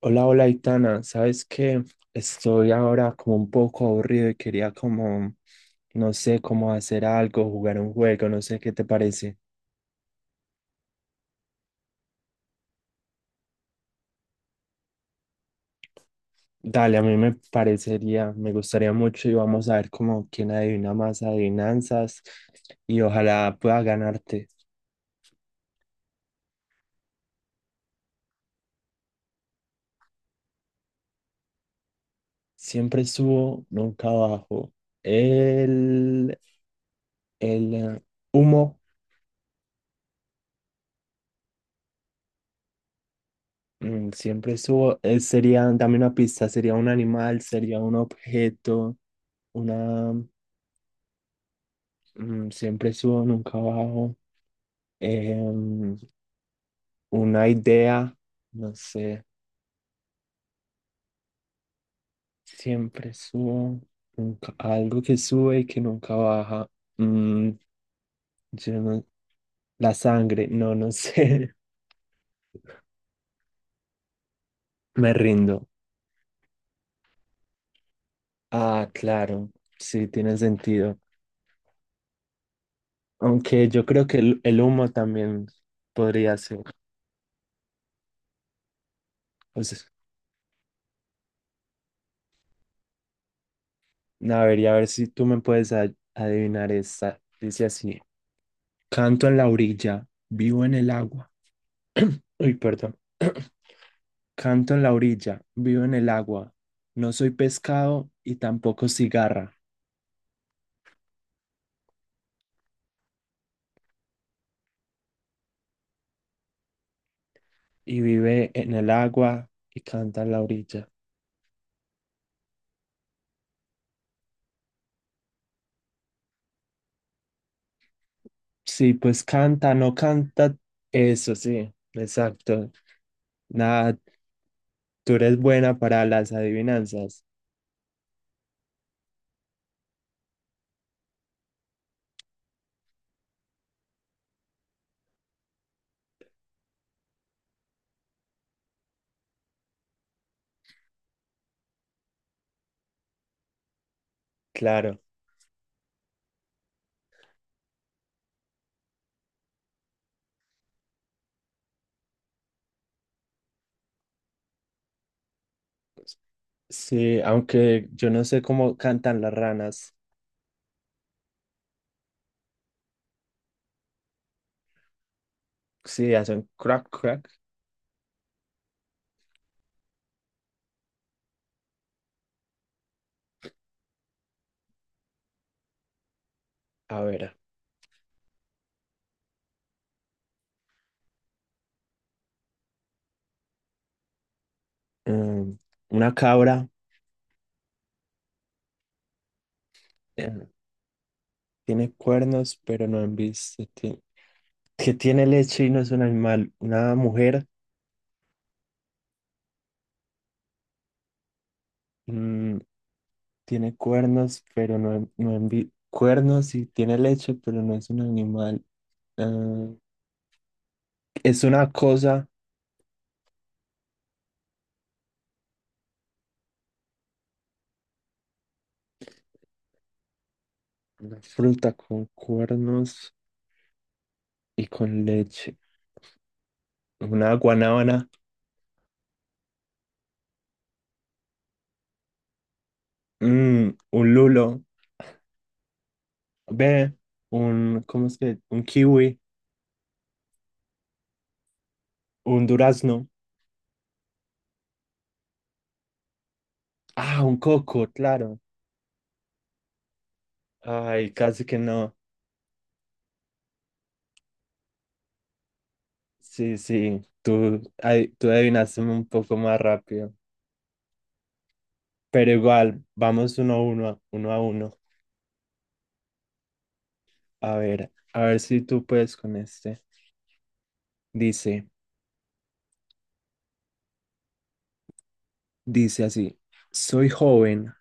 Hola, hola, Itana. ¿Sabes qué? Estoy ahora como un poco aburrido y quería no sé, cómo hacer algo, jugar un juego, no sé qué te parece. Dale, a mí me parecería, me gustaría mucho y vamos a ver como quién adivina más adivinanzas y ojalá pueda ganarte. Siempre subo, nunca bajo. El, el humo. Siempre subo. Sería, dame una pista, sería un animal, sería un objeto, una. Siempre subo, nunca bajo. Em, una idea, no sé, siempre subo, nunca, algo que sube y que nunca baja. Mm, yo no- la sangre, no, no sé. Me rindo. Ah, claro, sí, tiene sentido. Aunque yo creo que el humo también podría ser. O sea, a ver, y a ver si tú me puedes adivinar esta. Dice así, canto en la orilla, vivo en el agua. Uy, perdón. Canto en la orilla, vivo en el agua. No soy pescado y tampoco cigarra. Y vive en el agua y canta en la orilla. Sí, pues canta, no canta. Eso sí, exacto. Nada, tú eres buena para las adivinanzas. Claro. Sí, aunque yo no sé cómo cantan las ranas. Sí, hacen crack, crack. A ver. mm, una cabra. eh, Tiene cuernos, pero no han visto, que tiene leche y no es un animal. Una mujer. mm, Tiene cuernos, pero no, cuernos y tiene leche, pero no es un animal. Ah, es una cosa, una fruta con cuernos y con leche. Una guanábana. Un lulo, ve, un, ¿cómo es que? Un kiwi, un durazno. Ah, un coco, claro. Ay, casi que no. Sí, sí, tú, ay, tú adivinaste un poco más rápido. Pero igual, vamos uno a uno, uno a uno. A ver si tú puedes con este. Dice, dice así, soy joven.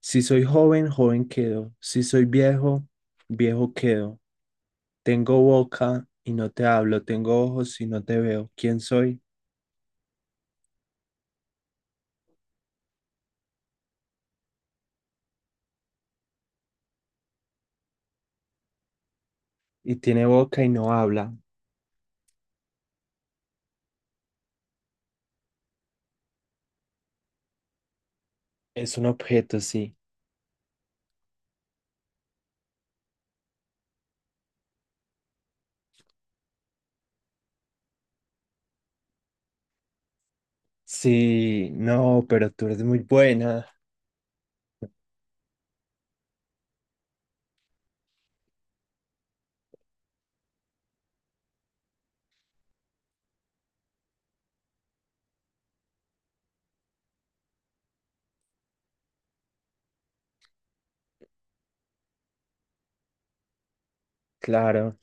Si soy joven, joven quedo. Si soy viejo, viejo quedo. Tengo boca y no te hablo. Tengo ojos y no te veo. ¿Quién soy? Y tiene boca y no habla. Es un objeto, sí. Sí, no, pero tú eres muy buena. Claro,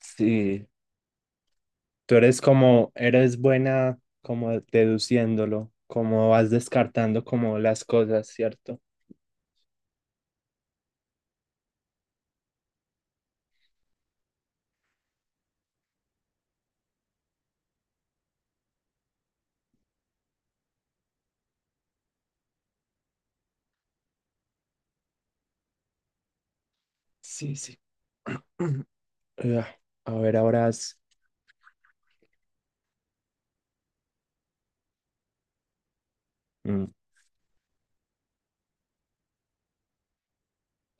sí. Tú eres como, eres buena como deduciéndolo, como vas descartando como las cosas, ¿cierto? Sí, sí. Ah, A ver, ahora es- mm,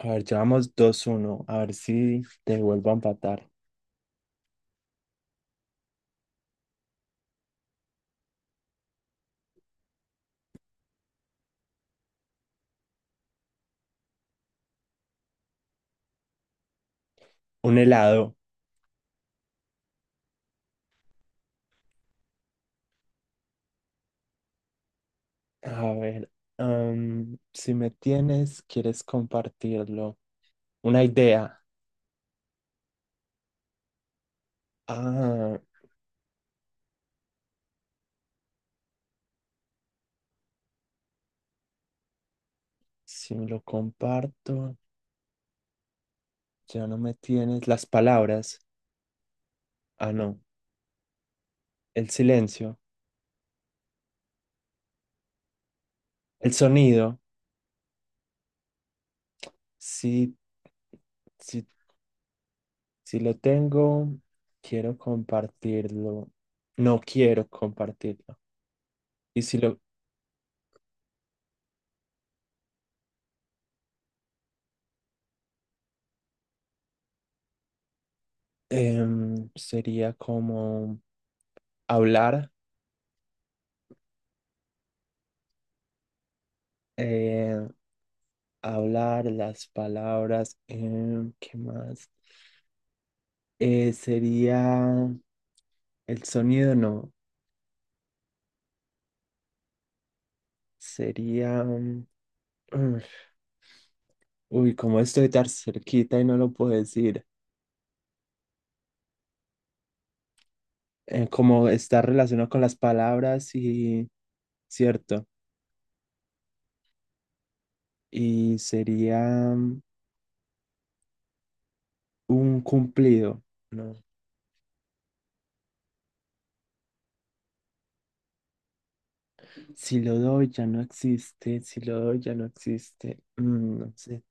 A ver, llevamos dos uno. A ver si te vuelvo a empatar. Un helado. A ver, si me tienes, quieres compartirlo. Una idea. Ah, si me lo comparto, ya no me tienes. Las palabras. Ah, no. El silencio. El sonido. Sí, sí, sí lo tengo. Quiero compartirlo. No quiero compartirlo. Y si lo, sería como hablar. eh, Hablar las palabras. ¿Qué más? Sería el sonido, no. Sería. Mm, Uy, como estoy tan cerquita y no lo puedo decir. Como está relacionado con las palabras y cierto. Y sería mm, un cumplido, ¿no? Si lo doy, ya no existe, si lo doy, ya no existe, no sé,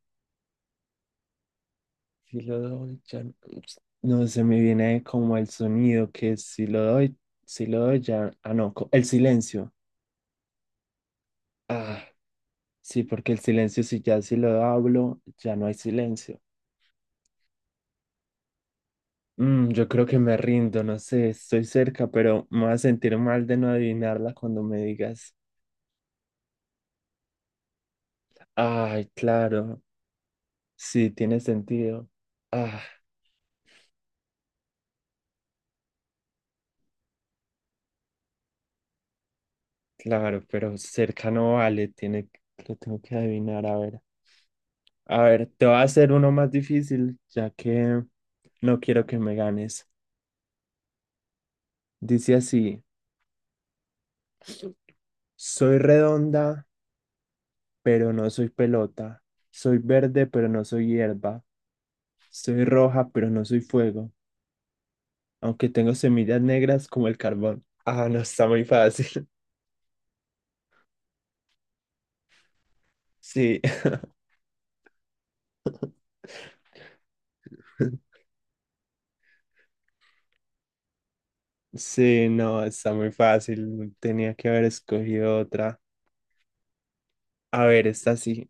si lo doy, ya no, no se me viene como el sonido que es si lo doy, si lo doy, ya, ah, no, el silencio. Ah, sí, porque el silencio, si ya si lo hablo, ya no hay silencio. Yo creo que me rindo, no sé, estoy cerca, pero me voy a sentir mal de no adivinarla cuando me digas. Ay, claro. Sí, tiene sentido. Ah, claro, pero cerca no vale, lo tengo que adivinar, a ver. A ver, te voy a hacer uno más difícil, ya que no quiero que me ganes. Dice así, soy redonda, pero no soy pelota. Soy verde, pero no soy hierba. Soy roja, pero no soy fuego. Aunque tengo semillas negras como el carbón. Ah, no, está muy fácil. Sí. Sí, no, está muy fácil. Tenía que haber escogido otra. A ver, esta sí.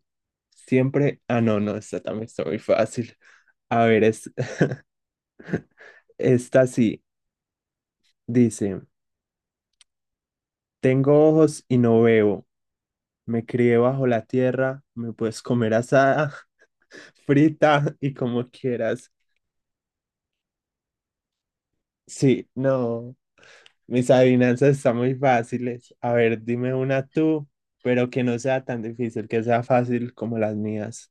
Siempre. Ah, no, no, esta también está muy fácil. A ver, es- esta sí. Dice: tengo ojos y no veo. Me crié bajo la tierra. Me puedes comer asada, frita y como quieras. Sí, no. Mis adivinanzas están muy fáciles. A ver, dime una tú, pero que no sea tan difícil, que sea fácil como las mías.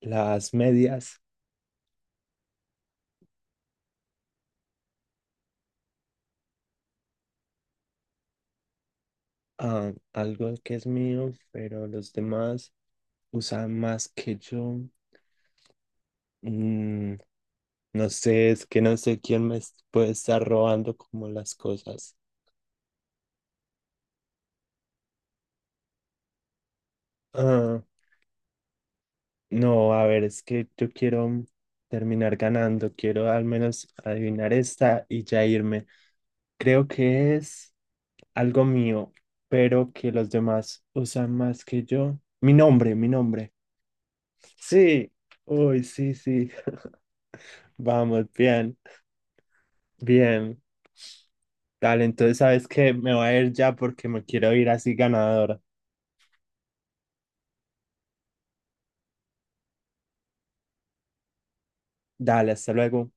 Las medias. Ah, algo que es mío, pero los demás usan más que yo. Mm, no sé, es que no sé quién puede estar robando como las cosas. Ah, no, a ver, es que yo quiero terminar ganando, quiero al menos adivinar esta y ya irme. Creo que es algo mío, pero que los demás usan más que yo. Mi nombre, mi nombre. Sí, uy, sí, sí, vamos, bien. Bien. Dale, entonces sabes que me voy a ir ya porque me quiero ir así ganadora. Dale, hasta luego.